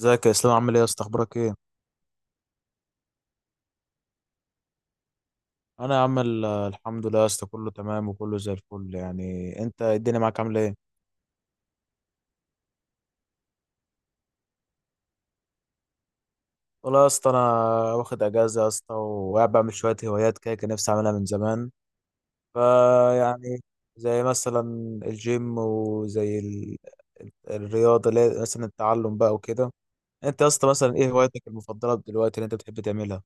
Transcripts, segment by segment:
ازيك يا اسلام، عامل ايه يا اسطى؟ اخبارك ايه؟ انا يا عم الحمد لله يا اسطى، كله تمام وكله زي الفل. يعني انت الدنيا معاك عامله ايه؟ والله يا اسطى انا واخد اجازه يا اسطى، وقاعد بعمل شويه هوايات كده كان نفسي اعملها من زمان. فيعني زي مثلا الجيم وزي ال... الرياضه اللي هي مثلا التعلم بقى وكده. انت يا اسطى مثلا ايه هوايتك المفضله دلوقتي اللي انت بتحب تعملها؟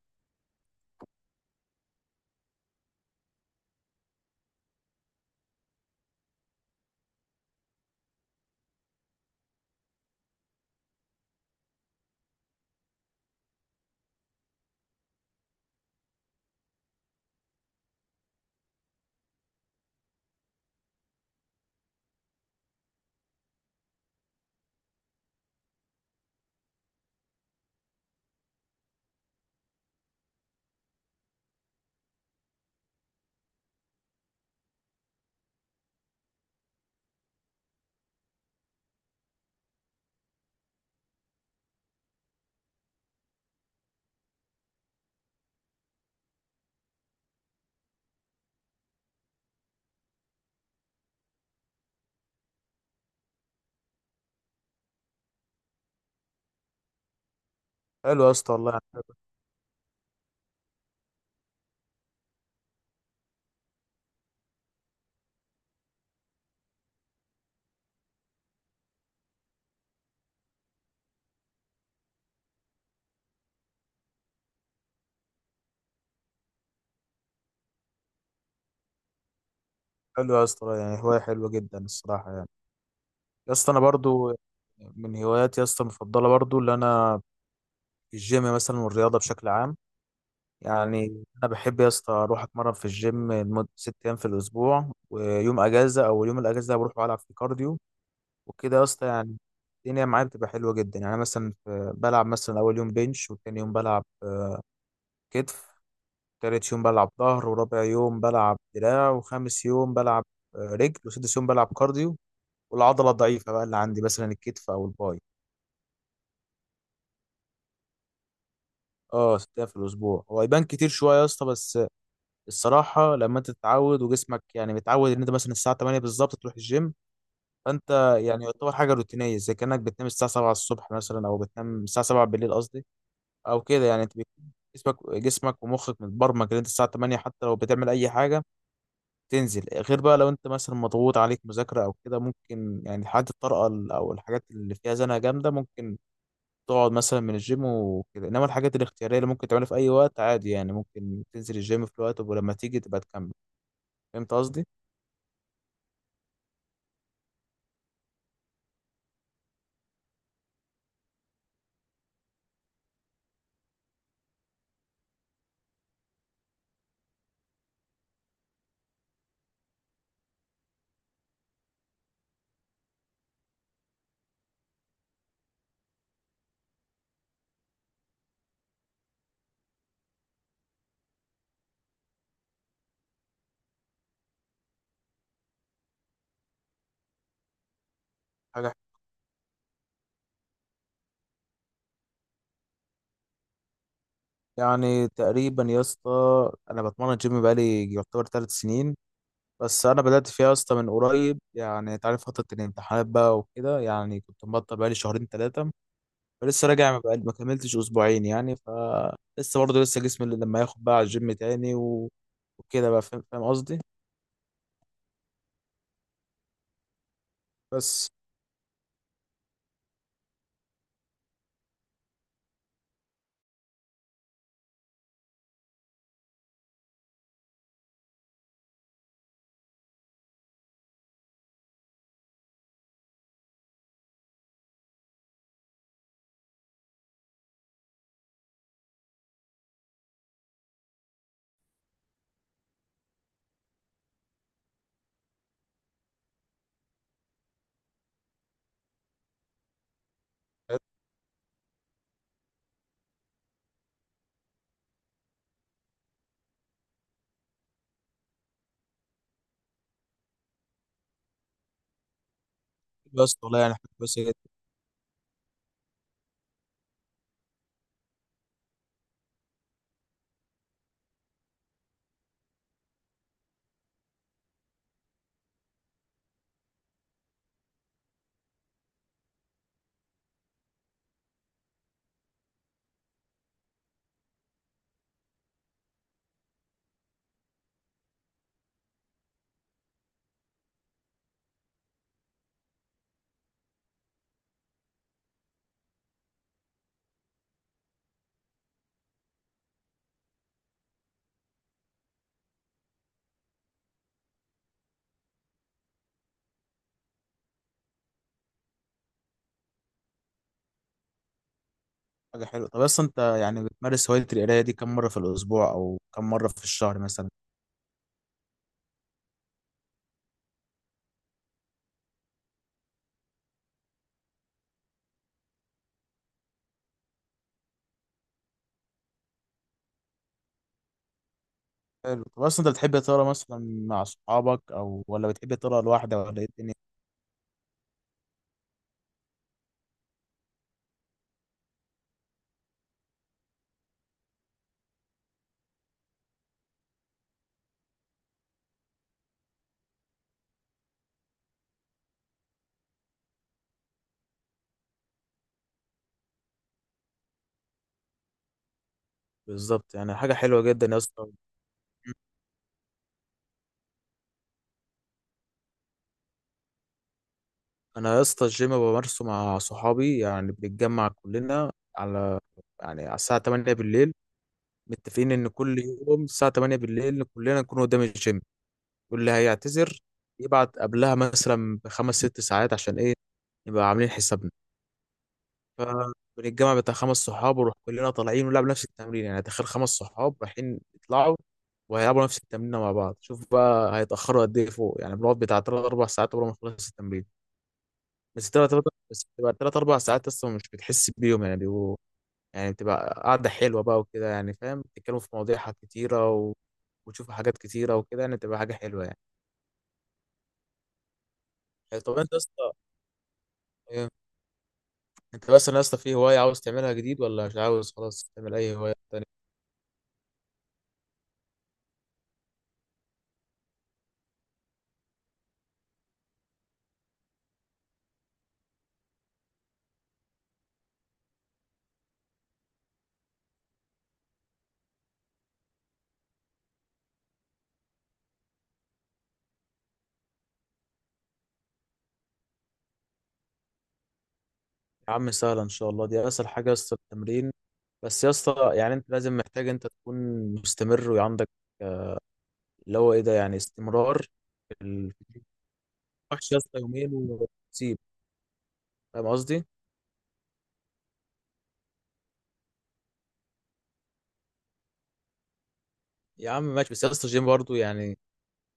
حلو يا اسطى والله يعني. حلو يا اسطى، والله يعني هوايه حلوه جدا الصراحه يعني. يا اسطى انا برضو من هواياتي يا اسطى المفضله برضو اللي انا الجيم مثلا والرياضه بشكل عام. يعني انا بحب يا اسطى اروح اتمرن في الجيم لمده ست ايام في الاسبوع، ويوم اجازه او يوم الاجازه ده بروح العب في كارديو. وكده يا اسطى يعني الدنيا معايا بتبقى حلوه جدا. يعني أنا مثلا بلعب مثلا اول يوم بنش، وتاني يوم بلعب كتف، تالت يوم بلعب ظهر، ورابع يوم بلعب دراع، وخامس يوم بلعب رجل، وسادس يوم بلعب كارديو. والعضله الضعيفه بقى اللي عندي مثلا الكتف او الباي. اه، ست ايام في الاسبوع. هو يبان كتير شويه يا اسطى، بس الصراحه لما انت تتعود وجسمك يعني متعود ان انت مثلا الساعه 8 بالظبط تروح الجيم، فانت يعني يعتبر حاجه روتينيه. زي كانك بتنام الساعه 7 الصبح مثلا، او بتنام الساعه 7 بالليل قصدي، او كده. يعني انت بيكون جسمك ومخك متبرمج ان انت الساعه 8 حتى لو بتعمل اي حاجه تنزل. غير بقى لو انت مثلا مضغوط عليك مذاكره او كده، ممكن يعني حالات الطارئه او الحاجات اللي فيها زنقه جامده، ممكن تقعد مثلا من الجيم وكده. انما الحاجات الاختياريه اللي ممكن تعملها في اي وقت عادي، يعني ممكن تنزل الجيم في الوقت ولما تيجي تبقى تكمل. فهمت قصدي؟ حاجه يعني تقريبا يا اسطى انا بتمرن جيم بقالي يعتبر ثلاث سنين، بس انا بدات فيها يا اسطى من قريب. يعني انت عارف فتره الامتحانات بقى وكده، يعني كنت مبطل بقالي شهرين ثلاثه. فلسه راجع، ما كملتش اسبوعين يعني. فلسه برضه لسه جسمي اللي لما ياخد بقى على الجيم تاني و... وكده بقى. فاهم قصدي؟ بس. بس والله يعني حاجة كويسة. حاجة حلوة. طب أصلا أنت يعني بتمارس هواية القراية دي كم مرة في الأسبوع أو كم مرة في الشهر مثلا؟ حلو. طب أصلا أنت بتحب تقرا مثلا مع صحابك أو، ولا بتحب تقرا لوحدك، ولا إيه الدنيا؟ بالظبط يعني، حاجة حلوة جدا يا اسطى. أنا يا اسطى الجيم بمارسه مع صحابي. يعني بنتجمع كلنا على يعني على الساعة 8 بالليل. متفقين إن كل يوم الساعة 8 بالليل كلنا نكون قدام الجيم، واللي هيعتذر يبعت قبلها مثلا بخمس ست ساعات عشان إيه نبقى عاملين حسابنا. فبنتجمع بتاع خمس صحاب ونروح كلنا طالعين ونلعب نفس التمرين. يعني تخيل خمس صحاب رايحين يطلعوا وهيلعبوا نفس التمرين مع بعض، شوف بقى هيتأخروا قد ايه فوق. يعني بنقعد بتاع تلات أربع ساعات قبل ما نخلص التمرين. بس تلات تلات بس بتبقى تلات أربع ساعات أصلا مش بتحس بيهم يعني. بيبقوا يعني بتبقى قعدة حلوة بقى وكده يعني، فاهم؟ بتتكلموا في مواضيع، حاجات كتيرة و... وتشوفوا حاجات كتيرة وكده، يعني بتبقى حاجة حلوة يعني. طب أنت يا اسطى إيه؟ أنت مثلا يا اسطى في هواية عاوز تعملها جديد، ولا مش عاوز خلاص تعمل أي هواية؟ يا عم سهلة إن شاء الله، دي أسهل حاجة يا اسطى التمرين. بس يا اسطى يعني أنت لازم، محتاج أنت تكون مستمر وعندك اللي هو إيه ده يعني استمرار. في الوحش يا اسطى يومين وتسيب. فاهم قصدي؟ يا عم ماشي، بس يا اسطى الجيم برضه يعني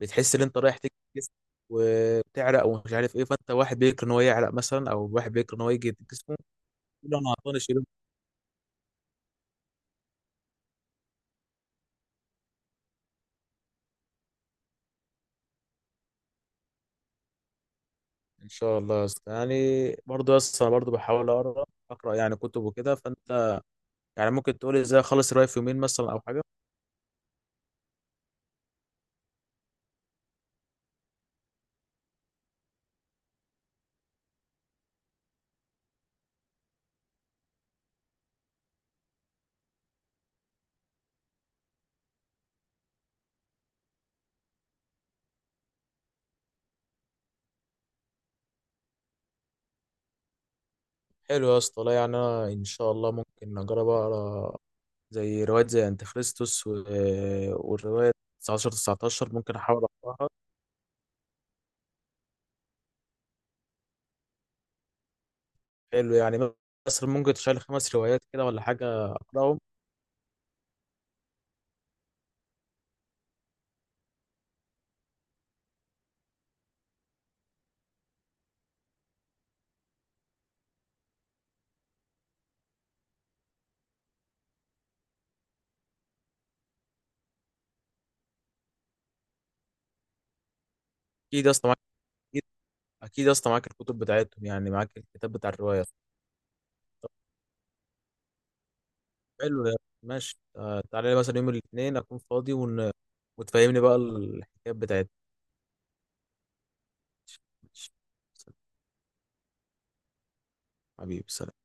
بتحس إن أنت رايح تكسب جسم وبتعرق ومش عارف إيه. فأنت واحد بيكره إن هو يعرق مثلا، أو واحد بيكره إن هو يجي جسمه يقول أنا عطلان الشيلون. إن شاء الله يا اسطى يعني. برضه يا اسطى أنا برضه بحاول أقرأ يعني كتب وكده. فأنت يعني ممكن تقول إزاي أخلص الرايف في يومين مثلا أو حاجة؟ حلو يا اسطى. لا يعني انا ان شاء الله ممكن اجرب اقرا زي روايات زي انت خريستوس و... والروايه 19 19 ممكن احاول اقراها. حلو يعني. مثلا ممكن تشيل خمس روايات كده ولا حاجه اقراهم؟ اكيد يا اسطى معاك. اكيد. اكيد يا اسطى معاك الكتب بتاعتهم، يعني معاك الكتاب بتاع الروايه. حلو يا ماشي. تعالى لي مثلا يوم الاثنين اكون فاضي وتفهمني بقى الحكايات بتاعتك. ماشي. حبيبي، سلام.